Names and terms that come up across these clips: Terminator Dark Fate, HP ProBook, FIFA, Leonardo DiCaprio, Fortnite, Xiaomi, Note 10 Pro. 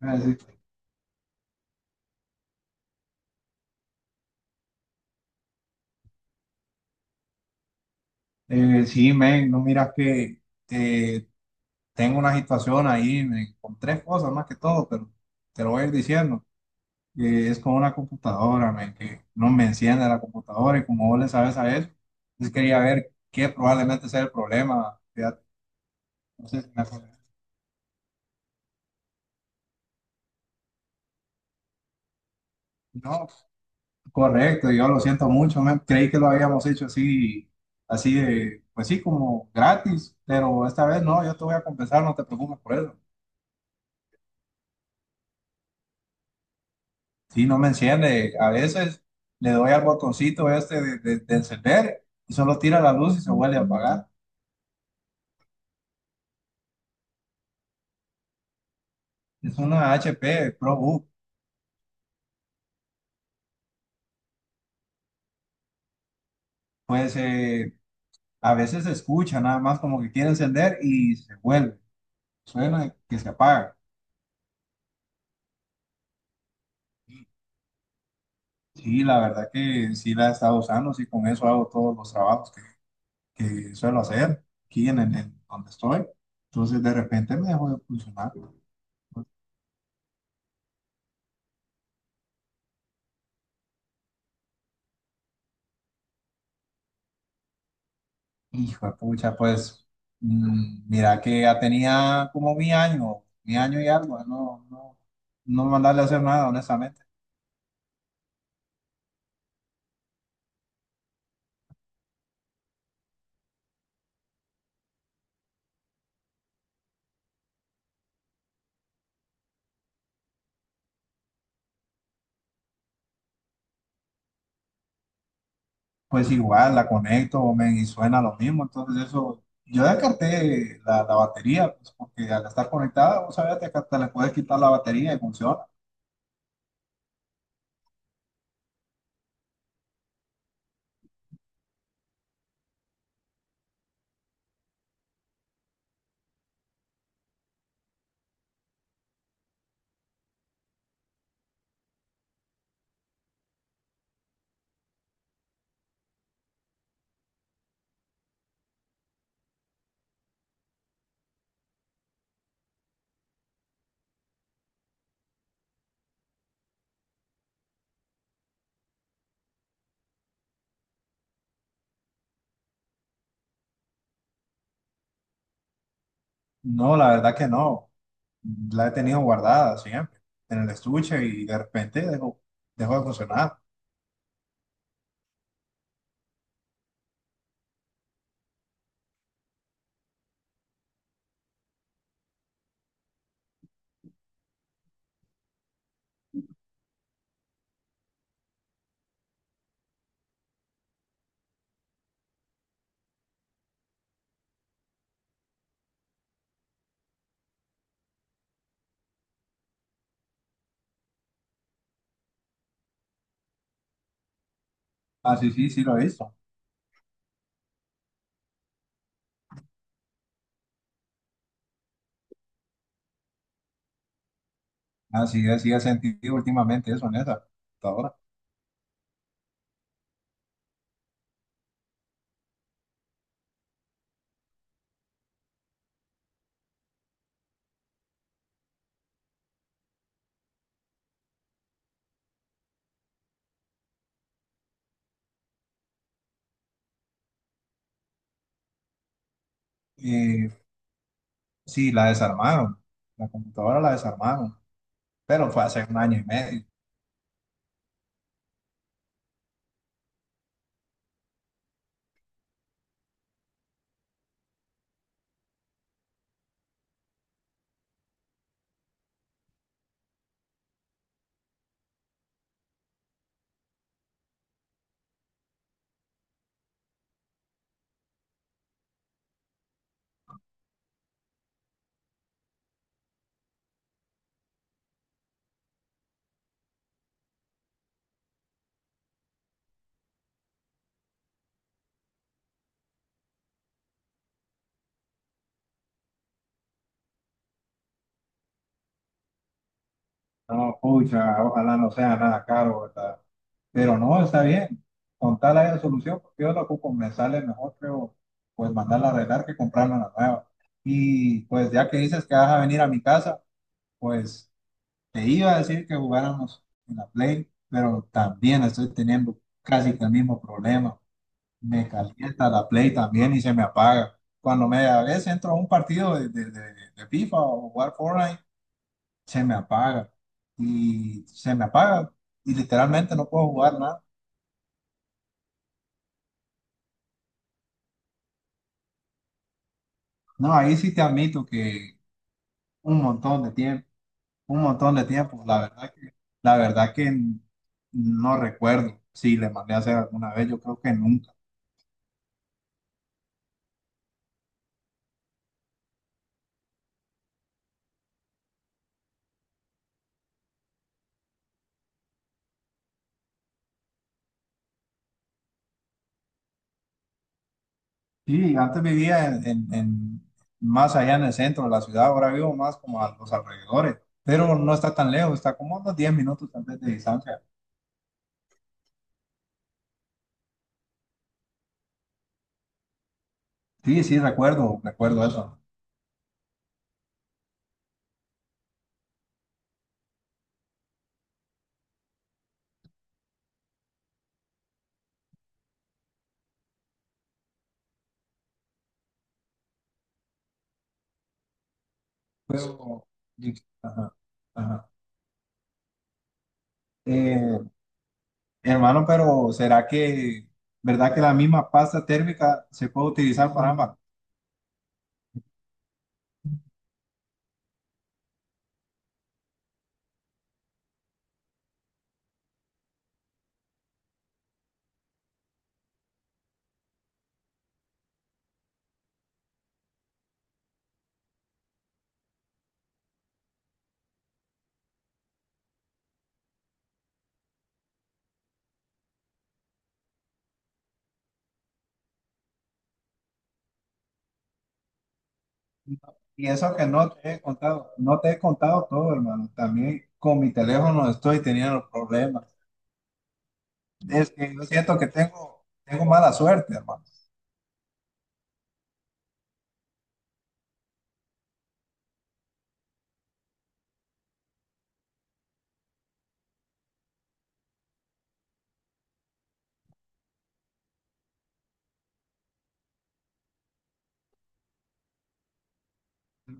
Ah, sí. Sí, men, no miras que eh, tengo una situación ahí, men, con tres cosas más que todo, pero te lo voy a ir diciendo. Que es con una computadora, men, que no me enciende la computadora y como vos le sabes a eso, pues quería ver qué probablemente sea el problema, fíjate. No sé si me acordé. No, correcto, yo lo siento mucho, men, creí que lo habíamos hecho así, así de, pues sí, como gratis, pero esta vez no, yo te voy a compensar, no te preocupes por eso. Sí, no me enciende. A veces le doy al botoncito este de encender y solo tira la luz y se vuelve a apagar. Es una HP ProBook. Pues a veces se escucha nada más como que quiere encender y se vuelve. Suena que se apaga. Sí, la verdad que sí la he estado usando. Sí, con eso hago todos los trabajos que suelo hacer aquí en, en donde estoy. Entonces de repente me dejó de funcionar. Hijo de pucha, pues mira que ya tenía como mi año y algo, no mandarle a hacer nada, honestamente. Pues igual la conecto, men, y suena lo mismo, entonces eso, yo descarté la batería, pues porque al estar conectada, vos sabés que hasta le puedes quitar la batería y funciona. No, la verdad que no, la he tenido guardada siempre en el estuche y de repente dejó de funcionar. Ah, sí, sí, sí lo he visto. Así es, sí he sentido últimamente eso en esa computadora. Eh, sí, la desarmaron. La computadora la desarmaron. Pero fue hace un año y medio. No, pucha, ojalá no sea nada caro, ¿verdad? Pero no, está bien. Con tal haya solución, porque yo lo ocupo, me sale mejor, creo, pues mandarla a arreglar que comprarme una nueva. Y pues ya que dices que vas a venir a mi casa, pues te iba a decir que jugáramos en la Play, pero también estoy teniendo casi que el mismo problema. Me calienta la Play también y se me apaga. Cuando me a veces entro a un partido de FIFA o jugar Fortnite, se me apaga y se me apaga y literalmente no puedo jugar nada. No, ahí sí te admito que un montón de tiempo, un montón de tiempo, la verdad que no recuerdo si le mandé a hacer alguna vez, yo creo que nunca. Sí, antes vivía en, más allá en el centro de la ciudad, ahora vivo más como a los alrededores, pero no está tan lejos, está como a unos 10 minutos tal vez de distancia. Sí, sí, recuerdo eso. Pero, ajá, ajá. Eh, Hermano, pero ¿será que, verdad que la misma pasta térmica se puede utilizar para ambas? Y eso que no te he contado, no te he contado todo, hermano. También con mi teléfono estoy teniendo problemas. Es que yo siento que tengo mala suerte, hermano.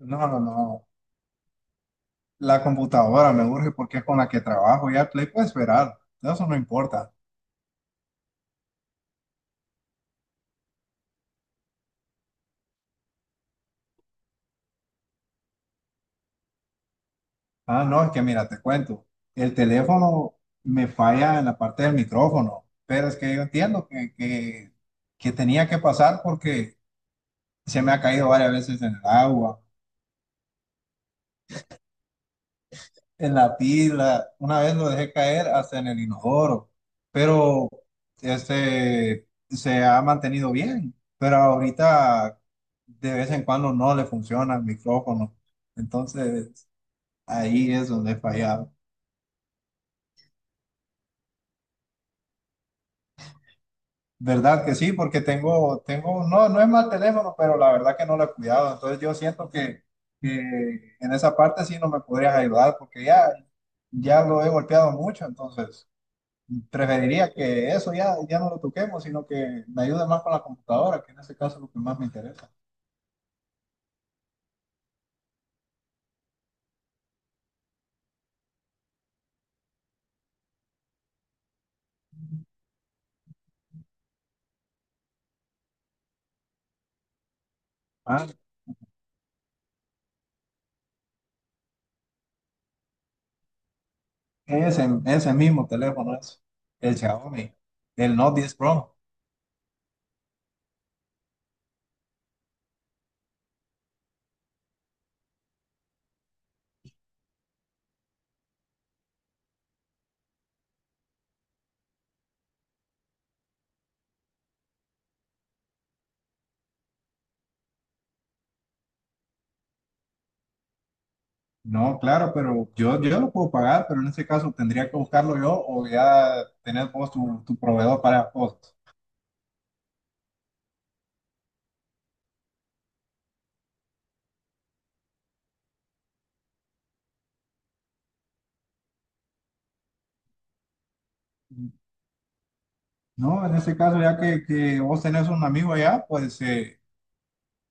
No, no, no. La computadora me urge porque es con la que trabajo. Ya el Play puede esperar. Eso no importa. Ah, no, es que mira, te cuento. El teléfono me falla en la parte del micrófono. Pero es que yo entiendo que tenía que pasar porque se me ha caído varias veces en el agua, en la pila, una vez lo dejé caer hasta en el inodoro, pero este se ha mantenido bien, pero ahorita de vez en cuando no le funciona el micrófono, entonces ahí es donde he fallado. ¿Verdad que sí? Porque no, no es mal teléfono, pero la verdad que no lo he cuidado, entonces yo siento que en esa parte sí no me podrías ayudar porque ya, ya lo he golpeado mucho, entonces preferiría que eso ya, ya no lo toquemos, sino que me ayude más con la computadora, que en ese caso es lo que más me interesa. Ah, ese mismo teléfono es el Xiaomi, el Note 10 Pro. No, claro, pero yo lo puedo pagar, pero en ese caso tendría que buscarlo yo o ya tener vos tu, tu proveedor para vos. No, en ese caso, ya que vos tenés un amigo allá, pues,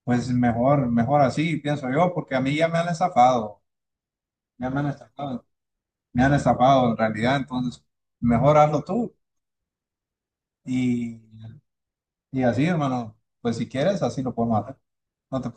pues mejor así, pienso yo, porque a mí ya me han estafado, ya me han estafado, me han estafado en realidad, entonces mejor hazlo tú. Y, y así, hermano, pues si quieres, así lo podemos hacer. No, te-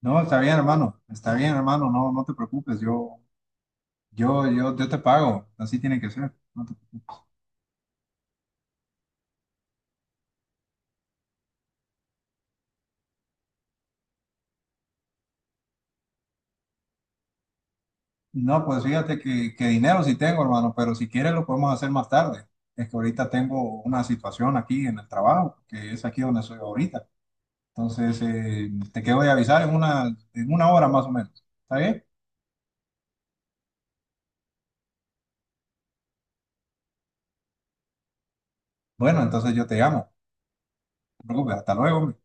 no, está bien, hermano, no, no te preocupes, yo te pago, así tiene que ser. No, te preocupes. No, pues fíjate que dinero sí tengo, hermano, pero si quieres lo podemos hacer más tarde. Es que ahorita tengo una situación aquí en el trabajo, que es aquí donde soy ahorita. Entonces, te quedo de avisar en una hora más o menos. ¿Está bien? Bueno, entonces yo te llamo. No te preocupes, hasta luego, hombre.